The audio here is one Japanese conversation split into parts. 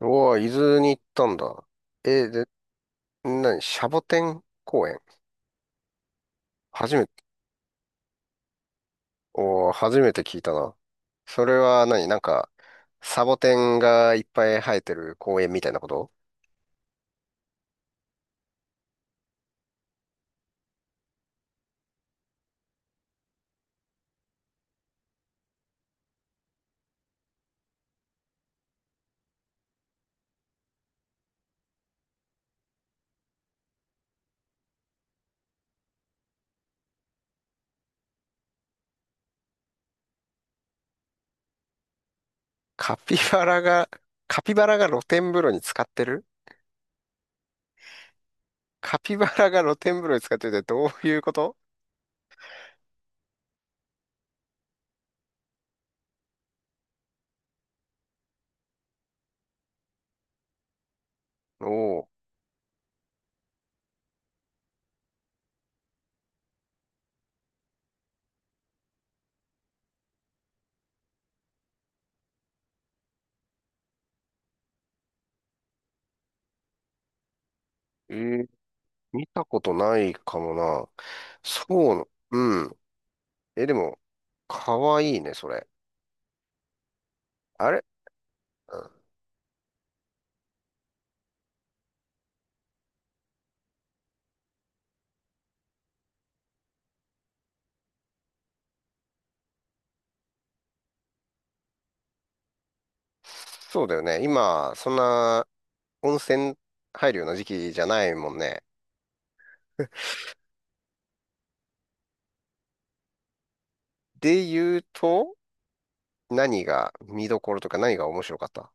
うわ、伊豆に行ったんだ。え、で、何シャボテン公園。初めて、おー、初めて聞いたな。それは何なんか、サボテンがいっぱい生えてる公園みたいなこと。カピバラが、カピバラが露天風呂に使ってる。カピバラが露天風呂に使ってるってどういうこと？おおー。ー見たことないかもな。そう、うん。え、でも、かわいいね、それ。あれ。うん。そうだよね。今、そんな、温泉入るような時期じゃないもんね。で言うと、何が見どころとか何が面白かった？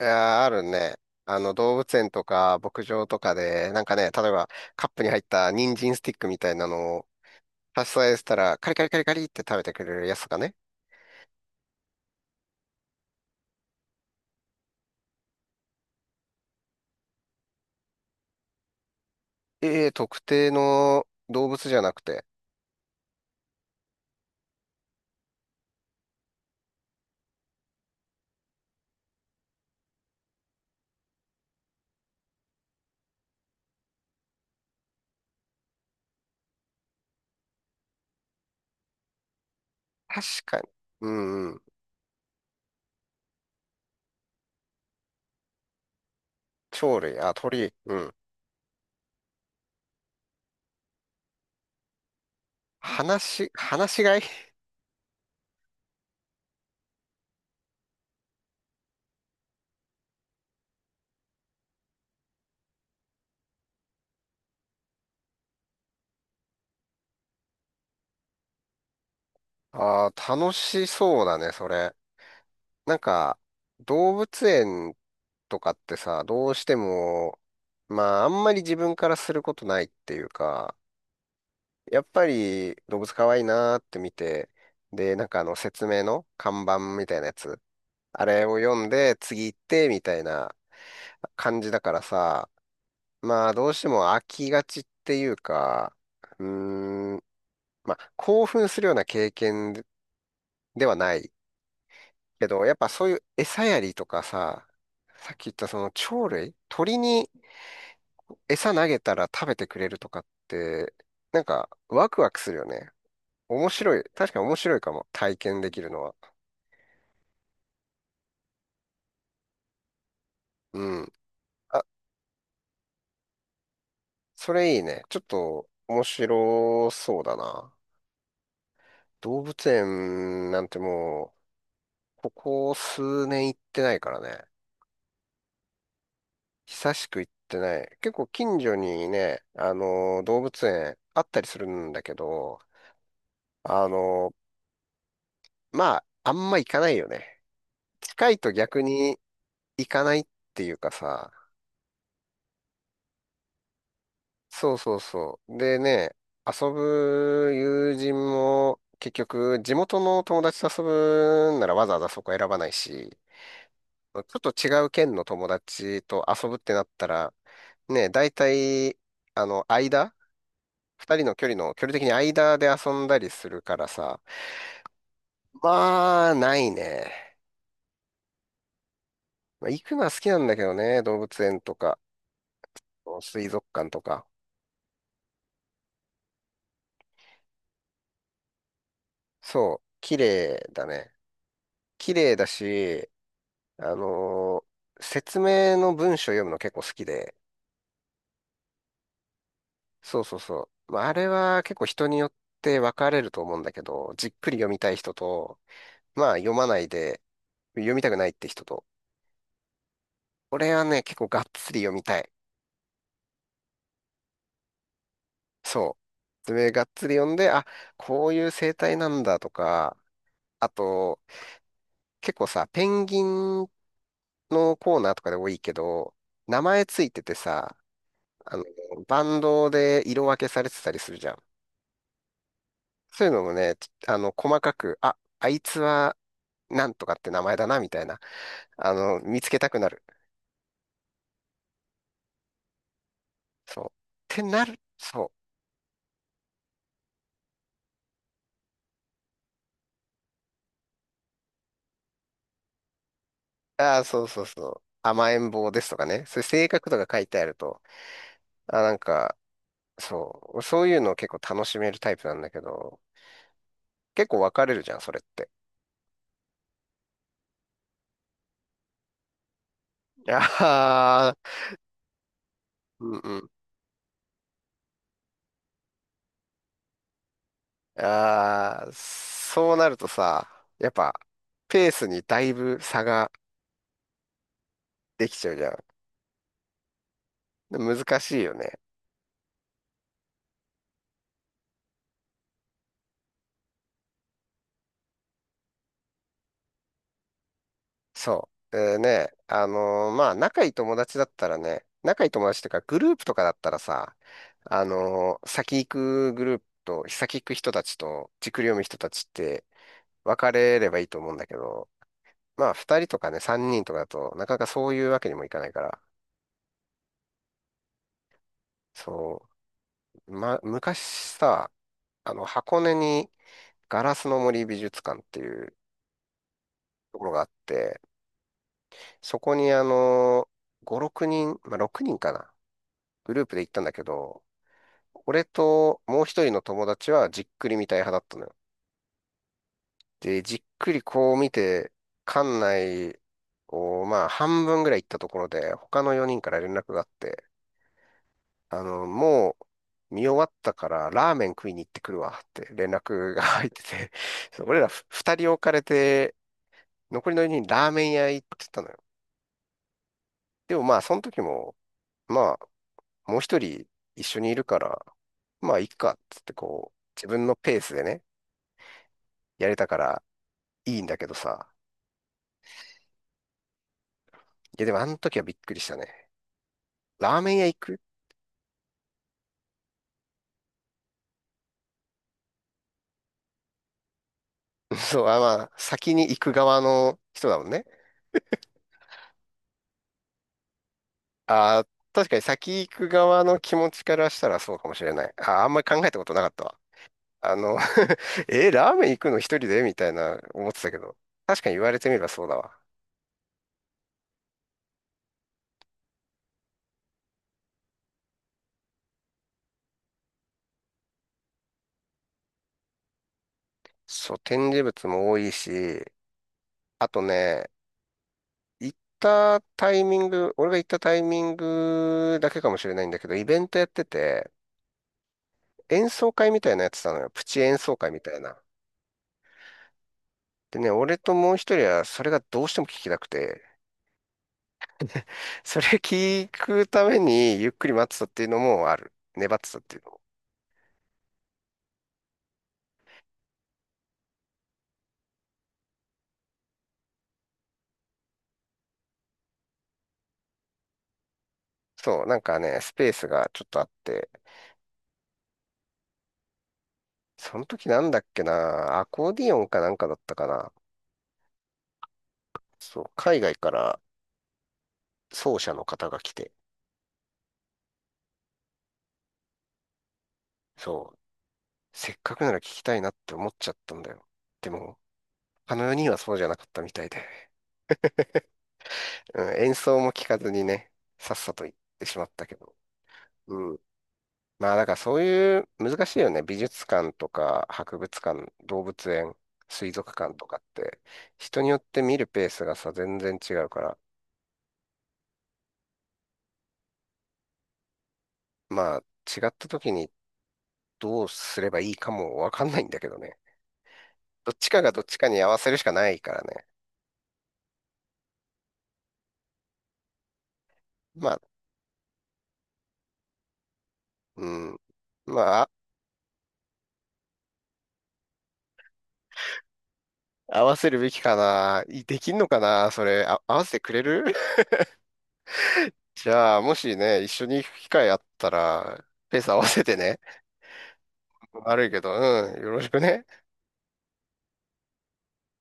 いやー、あるね。あの、動物園とか牧場とかで、なんかね、例えばカップに入った人参スティックみたいなのを差し支えしたら、カリカリカリカリって食べてくれるやつとかね。ええ、特定の動物じゃなくて、確かに。うんうん。鳥類、あ、鳥、うん。話し飼い。 ああ。楽しそうだね、それ。なんか、動物園とかってさ、どうしても、まあ、あんまり自分からすることないっていうか、やっぱり動物可愛いなーって見て、で、なんかあの説明の看板みたいなやつ、あれを読んで次行ってみたいな感じだからさ、まあ、どうしても飽きがちっていうか、うーん、まあ、興奮するような経験ではない。けど、やっぱそういう餌やりとかさ、さっき言ったその鳥類、鳥に餌投げたら食べてくれるとかって、なんかワクワクするよね。面白い。確かに面白いかも。体験できるのは。うん。あ、それいいね。ちょっと面白そうだな。動物園なんてもう、ここ数年行ってないからね。久しく行ってない。結構近所にね、あの動物園あったりするんだけど、あのまあ、あんま行かないよね。近いと逆に行かないっていうかさ、そうそうそう。でね、遊ぶ友人も結局地元の友達と遊ぶんならわざわざそこ選ばないし、ちょっと違う県の友達と遊ぶってなったら、ね、大体、間、二人の距離の、距離的に間で遊んだりするからさ、まあ、ないね。まあ行くのは好きなんだけどね、動物園とか、水族館とか。そう、綺麗だね。綺麗だし、あのー説明の文章読むの結構好きで、そうそうそう。まあ、あれは結構人によって分かれると思うんだけど、じっくり読みたい人と、まあ読まないで、読みたくないって人と、俺はね、結構がっつり読みたい。そう。説明がっつり読んで、あ、こういう生態なんだとか、あと、結構さ、ペンギンのコーナーとかで多いけど、名前ついててさ、あの、バンドで色分けされてたりするじゃん。そういうのもね、細かく、あ、あいつはなんとかって名前だな、みたいな、見つけたくなる。そう。ってなる。そう。ああ、そうそうそう。甘えん坊ですとかね。そういう性格とか書いてあると、あ、なんか、そう。そういうのを結構楽しめるタイプなんだけど、結構分かれるじゃん、それって。ああ、うんうん。ああ、そうなるとさ、やっぱ、ペースにだいぶ差ができちゃうじゃん。で難しいよね。そう。でね、まあ、仲いい友達だったらね、仲いい友達っていうか、グループとかだったらさ、先行くグループと、先行く人たちと、じっくり読む人たちって分かれればいいと思うんだけど、まあ、二人とかね、三人とかだと、なかなかそういうわけにもいかないから、そう、ま、昔さ、箱根にガラスの森美術館っていうところがあって、そこに5、人、まあ、6人かな。グループで行ったんだけど、俺ともう一人の友達はじっくり見たい派だったのよ。で、じっくりこう見て、館内をまあ半分ぐらい行ったところで、他の4人から連絡があって、あの、もう見終わったからラーメン食いに行ってくるわって連絡が 入ってて、そう俺ら2人置かれて、残りの4人ラーメン屋行ってたのよ。でもまあその時も、まあもう一人一緒にいるから、まあいっかっつってこう、自分のペースでね、やれたからいいんだけどさ。いや、でもあの時はびっくりしたね。ラーメン屋行く。 そう、あ、まあ、先に行く側の人だもんね。あー、確かに先行く側の気持ちからしたらそうかもしれない。あー、あんまり考えたことなかったわ。あの え、ラーメン行くの一人でみたいな思ってたけど。確かに言われてみればそうだわ。そう、展示物も多いし、あとね、行ったタイミング、俺が行ったタイミングだけかもしれないんだけど、イベントやってて、演奏会みたいなやつてたのよ。プチ演奏会みたいな。でね、俺ともう一人はそれがどうしても聞きたくて、それ聞くためにゆっくり待ってたっていうのもある。粘ってたっていうのも。そう、なんかね、スペースがちょっとあって、その時なんだっけな、アコーディオンかなんかだったかな。そう、海外から奏者の方が来て、そう、せっかくなら聞きたいなって思っちゃったんだよ。でも、あの4人はそうじゃなかったみたいで、うん、演奏も聞かずにね、さっさと行ってしまったけど。うん、まあだからそういう難しいよね。美術館とか博物館、動物園、水族館とかって人によって見るペースがさ全然違うから、まあ違った時にどうすればいいかもわかんないんだけどね。どっちかがどっちかに合わせるしかないからね。まあ、うん。まあ、あ、合わせるべきかな。いできんのかな。それ、あ、合わせてくれる。 じゃあ、もしね、一緒に行く機会あったら、ペース合わせてね。悪いけど、うん。よろしくね。